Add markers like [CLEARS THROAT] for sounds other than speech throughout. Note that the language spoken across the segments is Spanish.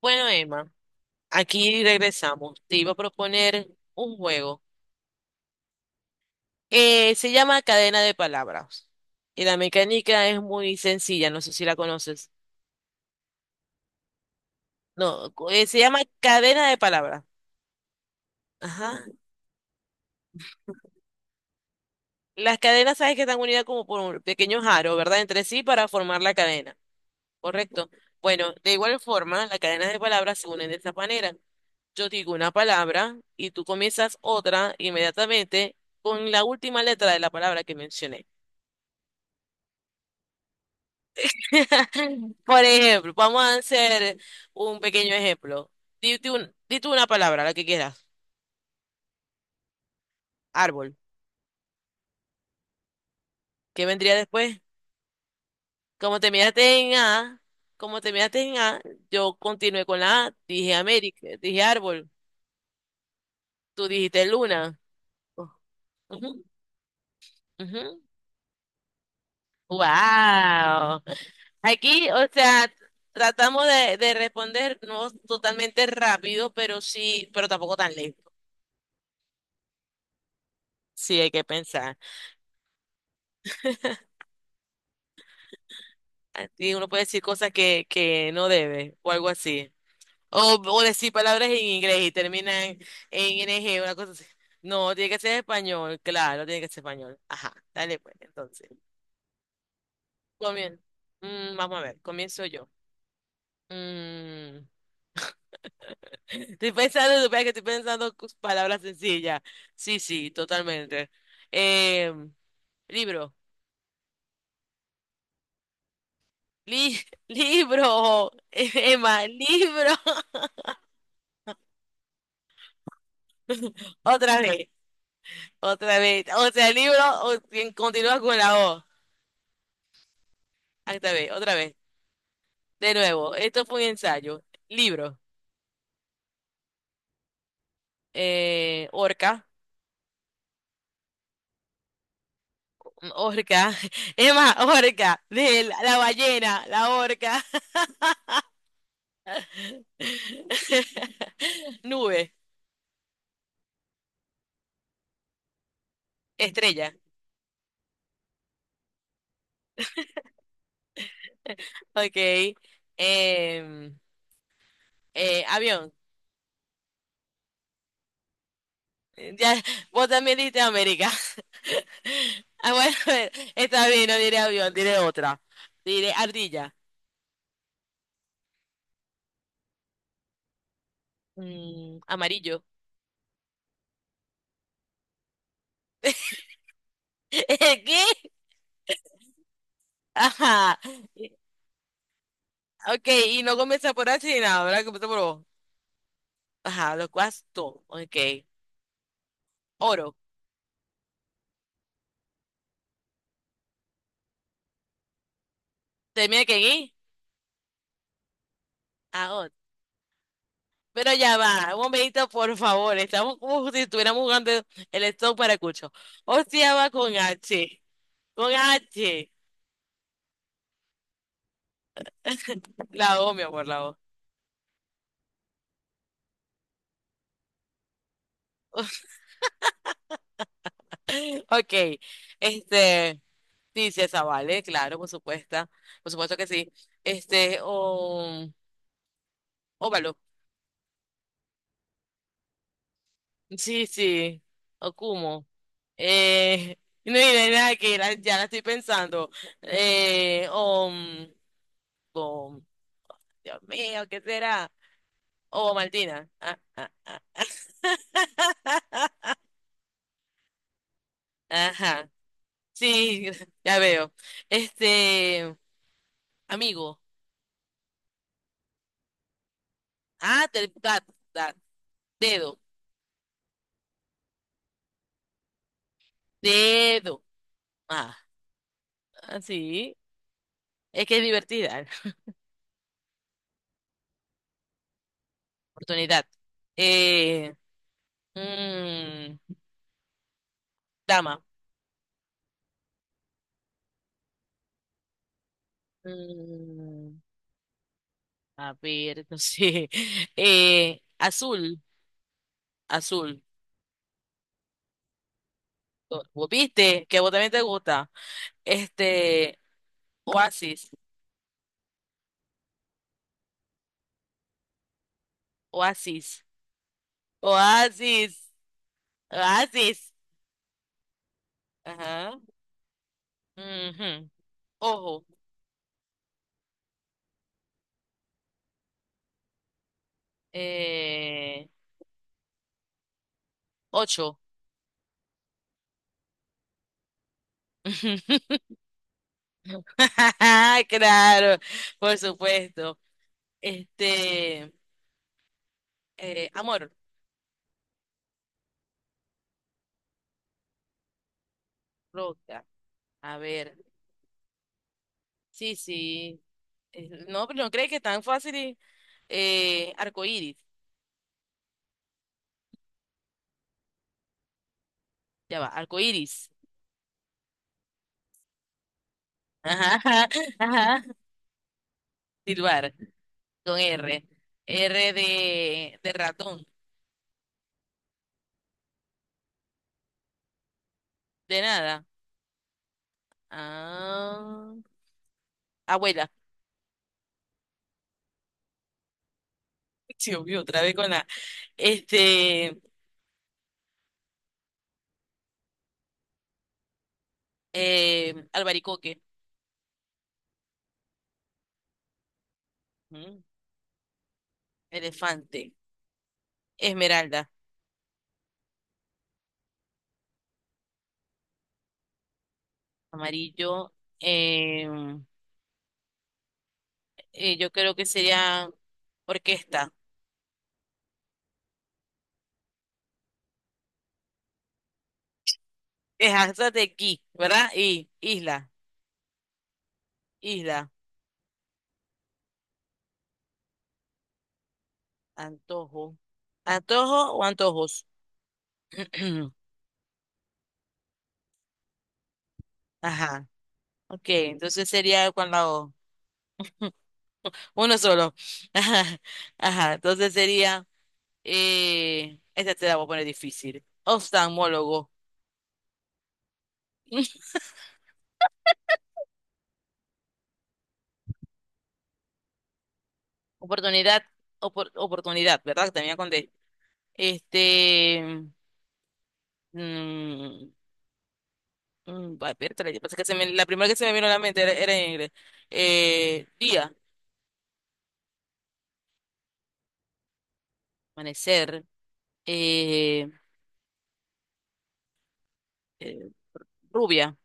Bueno, Emma, aquí regresamos. Te iba a proponer un juego. Se llama Cadena de Palabras. Y la mecánica es muy sencilla, no sé si la conoces. No, se llama Cadena de Palabras. Ajá. Las cadenas, sabes que están unidas como por un pequeño aro, ¿verdad? Entre sí para formar la cadena. ¿Correcto? Bueno, de igual forma, las cadenas de palabras se unen de esta manera. Yo digo una palabra y tú comienzas otra inmediatamente con la última letra de la palabra que mencioné. [LAUGHS] Por ejemplo, vamos a hacer un pequeño ejemplo. Dite una palabra, la que quieras. Árbol. ¿Qué vendría después? Como terminaste en A, como terminaste en A, yo continué con la A, dije América, dije árbol, tú dijiste luna. Oh, ujú, ujú. Wow. Aquí, o sea, tratamos de responder no totalmente rápido, pero sí, pero tampoco tan lento. Sí, hay que pensar. Y uno puede decir cosas que no debe, o algo así. O decir palabras en inglés y terminan en NG, una cosa así. No, tiene que ser español, claro, tiene que ser español. Ajá, dale pues, entonces. Comien vamos a ver, comienzo yo. Mm, [LAUGHS] Estoy pensando, supongo que estoy pensando palabras sencillas. Sí, sí, totalmente. Eh, libro. Li- [LAUGHS] libro. [LAUGHS] Emma, libro. [LAUGHS] Otra vez. Otra vez, o sea, quien continúa con la O. Otra vez, otra vez. De nuevo, esto fue un ensayo. Libro, orca, orca, [LAUGHS] es más, orca, de la ballena, la orca. [LAUGHS] Nube, estrella, ok. Em, avión, ya, vos también dijiste América. [LAUGHS] Ah, bueno, [LAUGHS] está bien, no diré avión, diré otra. Diré ardilla. Mm, amarillo. [LAUGHS] ¿Qué? Ajá. Y- Ok, y no comienza por H ni nada, ¿verdad? Comienza por O. Ajá, lo cual es todo. Ok. Oro. ¿Termina que en I? Ah, oro. Pero ya va, un momentito, por favor. Estamos como si estuviéramos jugando el stop para cucho. Hostia, va con H. Con H. La O, mi amor, la O. Ok. Este, dice esa, ¿vale? Claro, por supuesto. Por supuesto que sí. Este, o óvalo. Sí, sí, Okumo. Eh, [LAUGHS] no hay nada que ya la estoy pensando. Eh, o, mm, o, Dios mío, ¿qué será? O Martina. Ah, ah, ah. [LAUGHS] Ajá, sí, [LAUGHS] ya veo. Este, amigo. Ah, te- da- da- dedo, dedo. Ah, ah, sí, es que es divertida. [LAUGHS] Oportunidad. Eh, mm, dama. Mm, A ver, no [LAUGHS] azul, azul. ¿Vos ¿Viste? Que a vos también te gusta. Este, Oasis, Oasis, Oasis, Oasis. Ajá. Ujú. Ojo. Eh, ocho. [LAUGHS] Claro, por supuesto. Este, amor, roca. A ver. Sí, sí. No, pero no crees que es tan fácil. Arcoíris. Ya va, arcoíris. Ajá, ajá. [LAUGHS] ajá. Silbar, con R. R de ratón, de nada. Ah, abuela. [LAUGHS] Sí, obvio, otra vez con la. Este, albaricoque. Ujú. Elefante. Esmeralda. Amarillo. eh, yo creo que sería orquesta. Dejanza de aquí, ¿verdad? Y isla. Isla. Antojo. ¿Antojo o antojos? [CLEARS THROAT] Ajá. Ok, entonces sería con la O. Uno solo. [LAUGHS] Ajá. Ajá. Entonces sería, esta te la voy a poner difícil. Oftalmólogo. [LAUGHS] Oportunidad, oportunidad, ¿verdad? Que termina con D. Este, mm, va, espérate, yo pensé que la primera que se me vino a la mente era en inglés. Día, amanecer, eh, eh, rubia,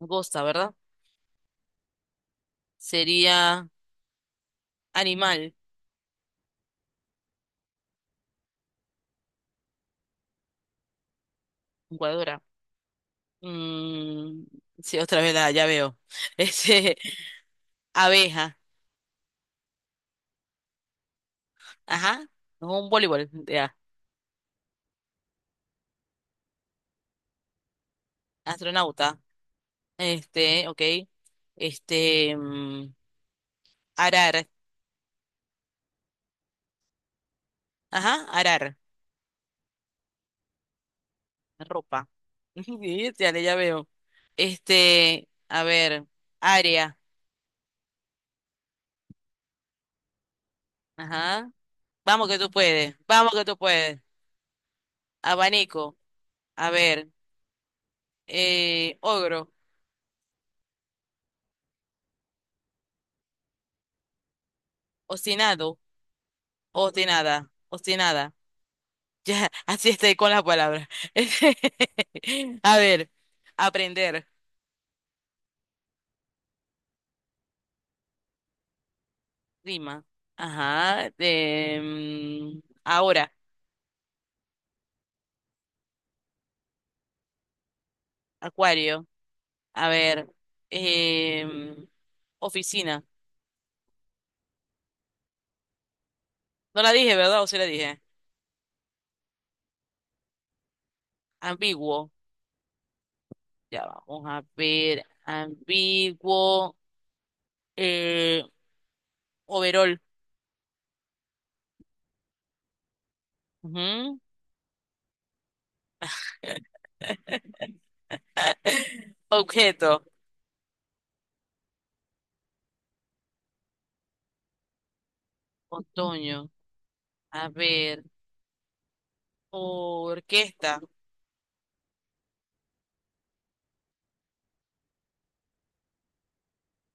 gosta, ¿verdad? Sería animal, jugadora. Mm, sí, otra vez la, ya veo. [LAUGHS] Este, abeja, ajá, no, un voleibol, ya, astronauta, este, ok, este, mm, arar, ajá, arar, ropa, [LAUGHS] Sí, ya, ya veo. Este, a ver, área, ajá, vamos que tú puedes, abanico, a ver, ogro, obstinado, obstinada, obstinada. Ya, [LAUGHS] así estoy con las palabras. [LAUGHS] A ver, aprender, rima. Ajá. Ahora, acuario. A ver, em, oficina. No la dije, ¿verdad? ¿O sí la dije? Ambiguo. Ya vamos a ver. Ambiguo. Eh, overall. Ujú. Objeto. Otoño. A ver. Orquesta.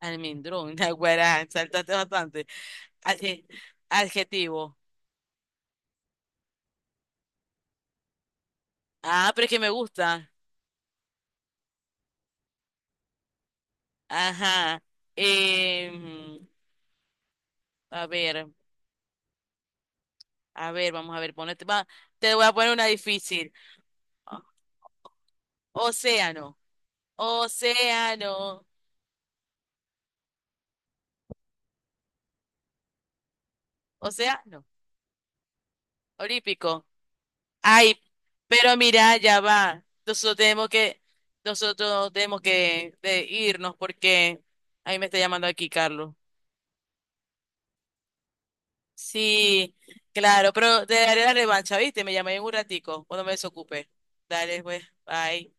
Almendrón. [LAUGHS] Naguará. Saltaste bastante. Adje- adjetivo. Ah, pero es que me gusta. Ajá. Em, a ver, vamos a ver, ponete, va, te voy a poner una difícil. Océano, océano, océano, olímpico. Ay, pero mira, ya va. Nosotros tenemos que de irnos porque ahí me está llamando aquí Carlos. Sí, claro, pero te daré la revancha, ¿viste? Me llamáis en un ratico, cuando me desocupe. Dale, pues, bye.